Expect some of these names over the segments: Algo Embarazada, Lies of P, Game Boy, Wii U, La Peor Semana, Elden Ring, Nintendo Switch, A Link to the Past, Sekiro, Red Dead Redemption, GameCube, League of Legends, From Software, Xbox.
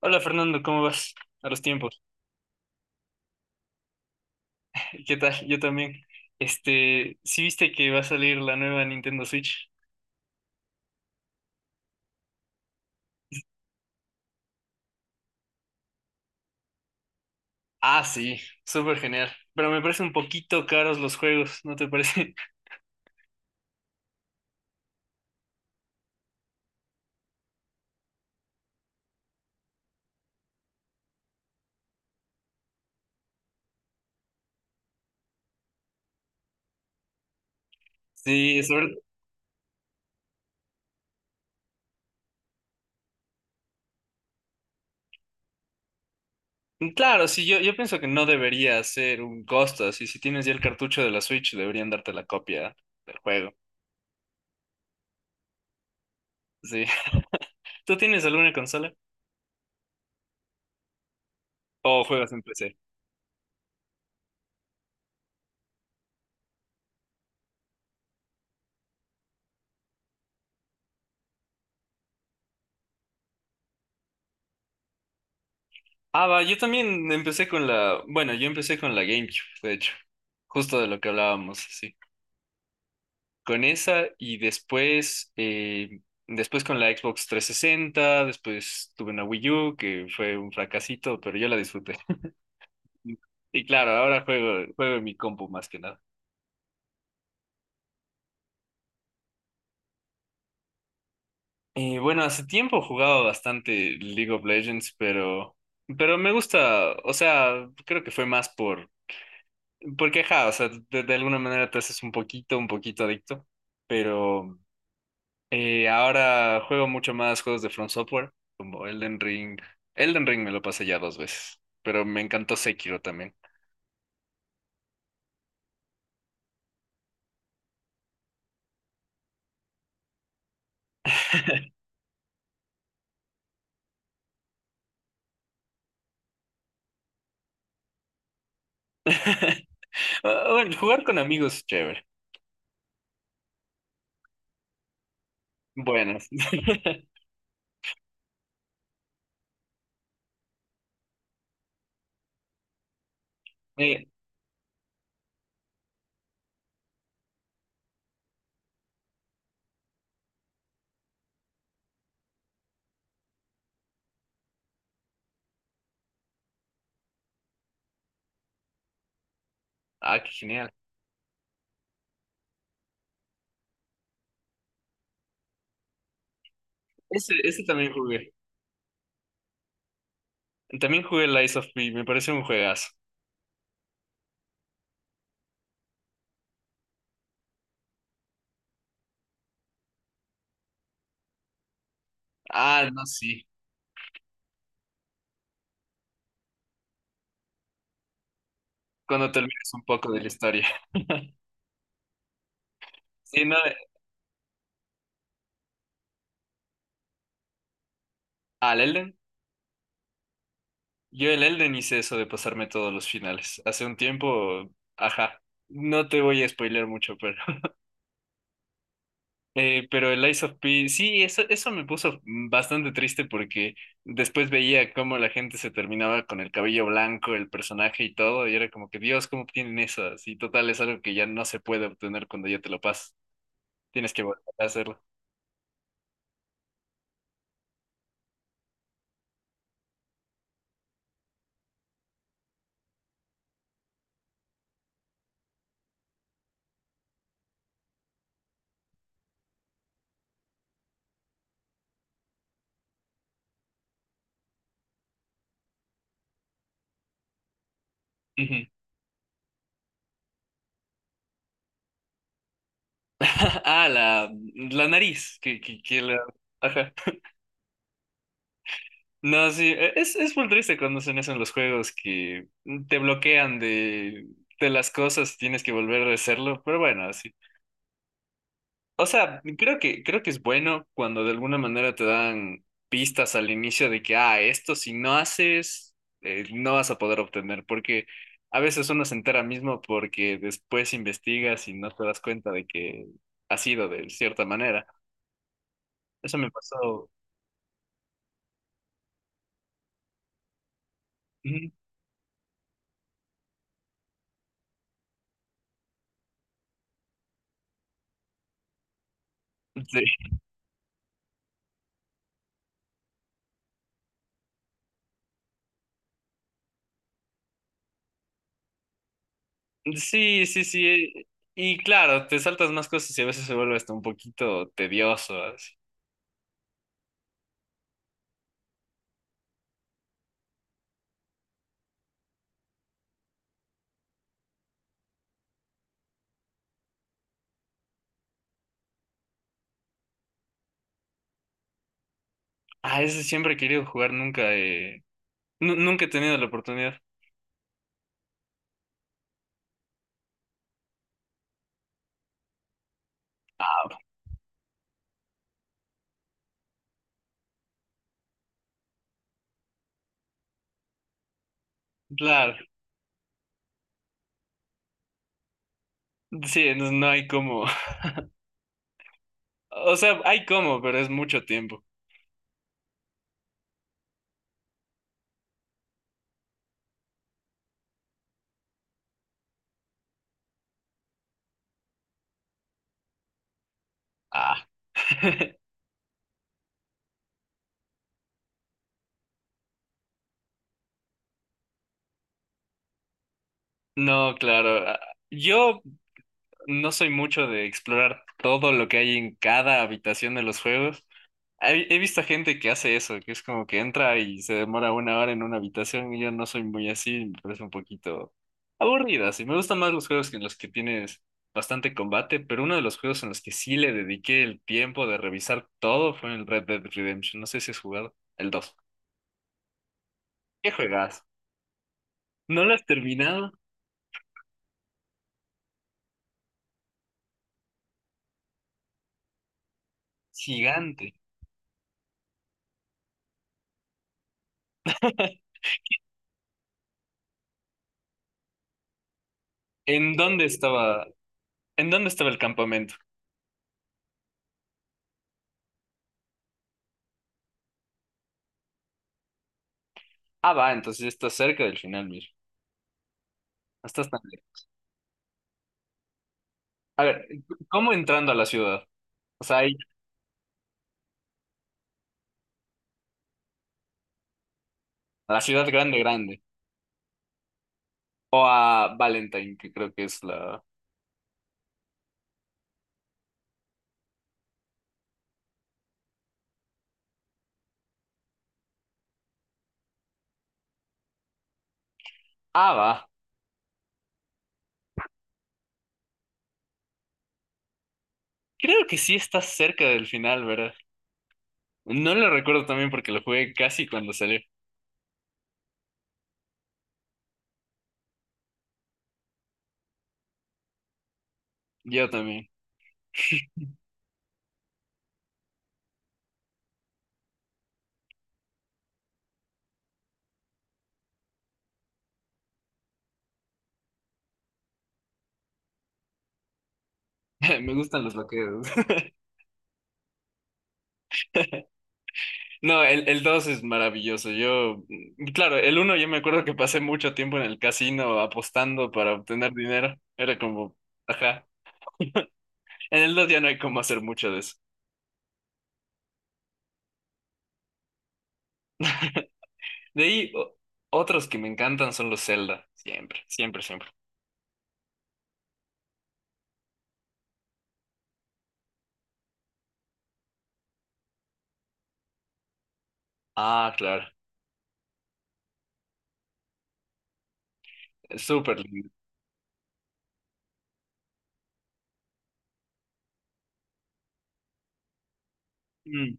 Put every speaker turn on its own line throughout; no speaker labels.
Hola Fernando, ¿cómo vas? A los tiempos. ¿Qué tal? Yo también. ¿Sí viste que va a salir la nueva Nintendo Switch? Ah, sí, súper genial. Pero me parece un poquito caros los juegos, ¿no te parece? Sí, sobre... Claro, sí, yo pienso que no debería ser un costo, así si tienes ya el cartucho de la Switch, deberían darte la copia del juego. Sí. ¿Tú tienes alguna consola? ¿O juegas en PC? Ah, va, yo también empecé con la... Bueno, yo empecé con la GameCube, de hecho. Justo de lo que hablábamos, con esa y después, después con la Xbox 360. Después tuve una Wii U que fue un fracasito, pero yo la disfruté. Y claro, juego en mi compu más que nada. Y bueno, hace tiempo jugaba bastante League of Legends, pero me gusta, o sea, creo que fue más porque, ja, o sea, de alguna manera te haces un poquito adicto, pero, y ahora juego mucho más juegos de From Software, como Elden Ring. Elden Ring me lo pasé ya dos veces, pero me encantó Sekiro también. Ah, bueno, jugar con amigos es chévere. Bueno. Eh, ah, qué genial. Ese también jugué. También jugué Lies of P, me parece un juegazo. Ah, no, sí. Cuando te olvides un poco de la historia. Sí, no, al Elden. Yo el Elden hice eso de pasarme todos los finales. Hace un tiempo, ajá. No te voy a spoilear mucho, pero el Lies of P, sí, eso me puso bastante triste porque después veía cómo la gente se terminaba con el cabello blanco, el personaje y todo, y era como que, Dios, ¿cómo tienen eso? Así, total, es algo que ya no se puede obtener cuando ya te lo pasas. Tienes que volver a hacerlo. Ujú. Ah, la nariz, que la... Ajá. No, sí, es muy triste cuando hacen eso en los juegos, que te bloquean de las cosas, tienes que volver a hacerlo, pero bueno, así. O sea, creo que es bueno cuando de alguna manera te dan pistas al inicio de que, ah, esto si no haces, no vas a poder obtener, porque a veces uno se entera mismo porque después investigas y no te das cuenta de que ha sido de cierta manera. Eso me pasó. Ujú. Sí, sí, sí, sí, y claro, te saltas más cosas y a veces se vuelve hasta un poquito tedioso. Así. Ah, ese siempre he querido jugar, nunca he, nunca he tenido la oportunidad. Ah, claro. Sí, entonces no hay como. O sea, hay como, pero es mucho tiempo. Ah, no, claro. Ah, yo no soy mucho de explorar todo lo que hay en cada habitación de los juegos. He visto gente que hace eso, que es como que entra y se demora una hora en una habitación y yo no soy muy así, me parece un poquito aburrida. Sí, me gustan más los juegos que en los que tienes bastante combate, pero uno de los juegos en los que sí le dediqué el tiempo de revisar todo fue el Red Dead Redemption. No sé si has jugado el dos. ¿Qué juegas? ¿No lo has terminado? Gigante. ¿En dónde estaba? ¿En dónde estaba el campamento? Ah, va, entonces ya estás cerca del final, mira. No estás tan lejos. A ver, ¿cómo entrando a la ciudad? O sea, hay a la ciudad grande, grande. O a Valentine, que creo que es la. Ah, va. Creo que sí estás cerca del final, ¿verdad? No lo recuerdo también porque lo jugué casi cuando salió. Yo también. Me gustan los bloqueos. No, el 2 es maravilloso. Yo, mm, claro, el uno yo me acuerdo que pasé mucho tiempo en el casino apostando para obtener dinero. Era como, ajá. En el 2 ya no hay cómo hacer mucho de eso. De ahí, otros que me encantan son los Zelda. Siempre, siempre, siempre. Ah, claro. Es súper lindo. Mm.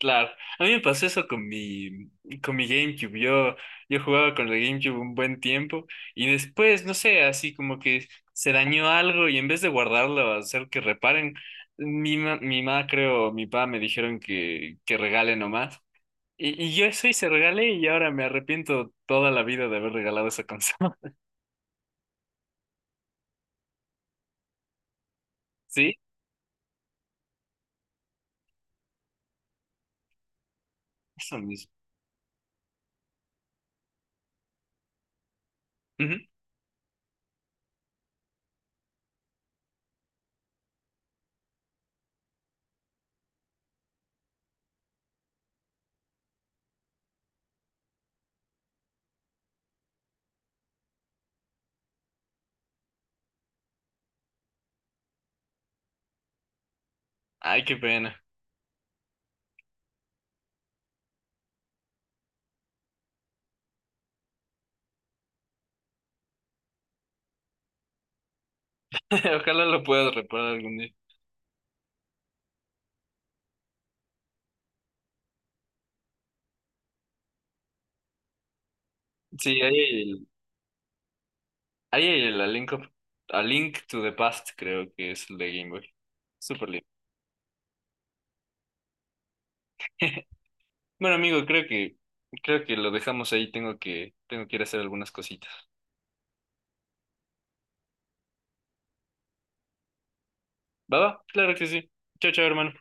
Claro, a mí me pasó eso con con mi GameCube. Yo jugaba con el GameCube un buen tiempo y después, no sé, así como que se dañó algo y en vez de guardarlo, hacer que reparen, mi mamá, creo, mi papá me dijeron que regale nomás. Y yo eso hice, regalé y ahora me arrepiento toda la vida de haber regalado esa consola. ¿Sí? Eso mismo. Ujú. Ay, qué pena. Ojalá lo puedas reparar algún día. Sí, ahí ahí hay el A Link to the Past, creo que es el de Game Boy. Súper lindo. Bueno, amigo, creo que lo dejamos ahí. Tengo que ir a hacer algunas cositas. ¿Va, va? Claro que sí. Chao, chao, hermano.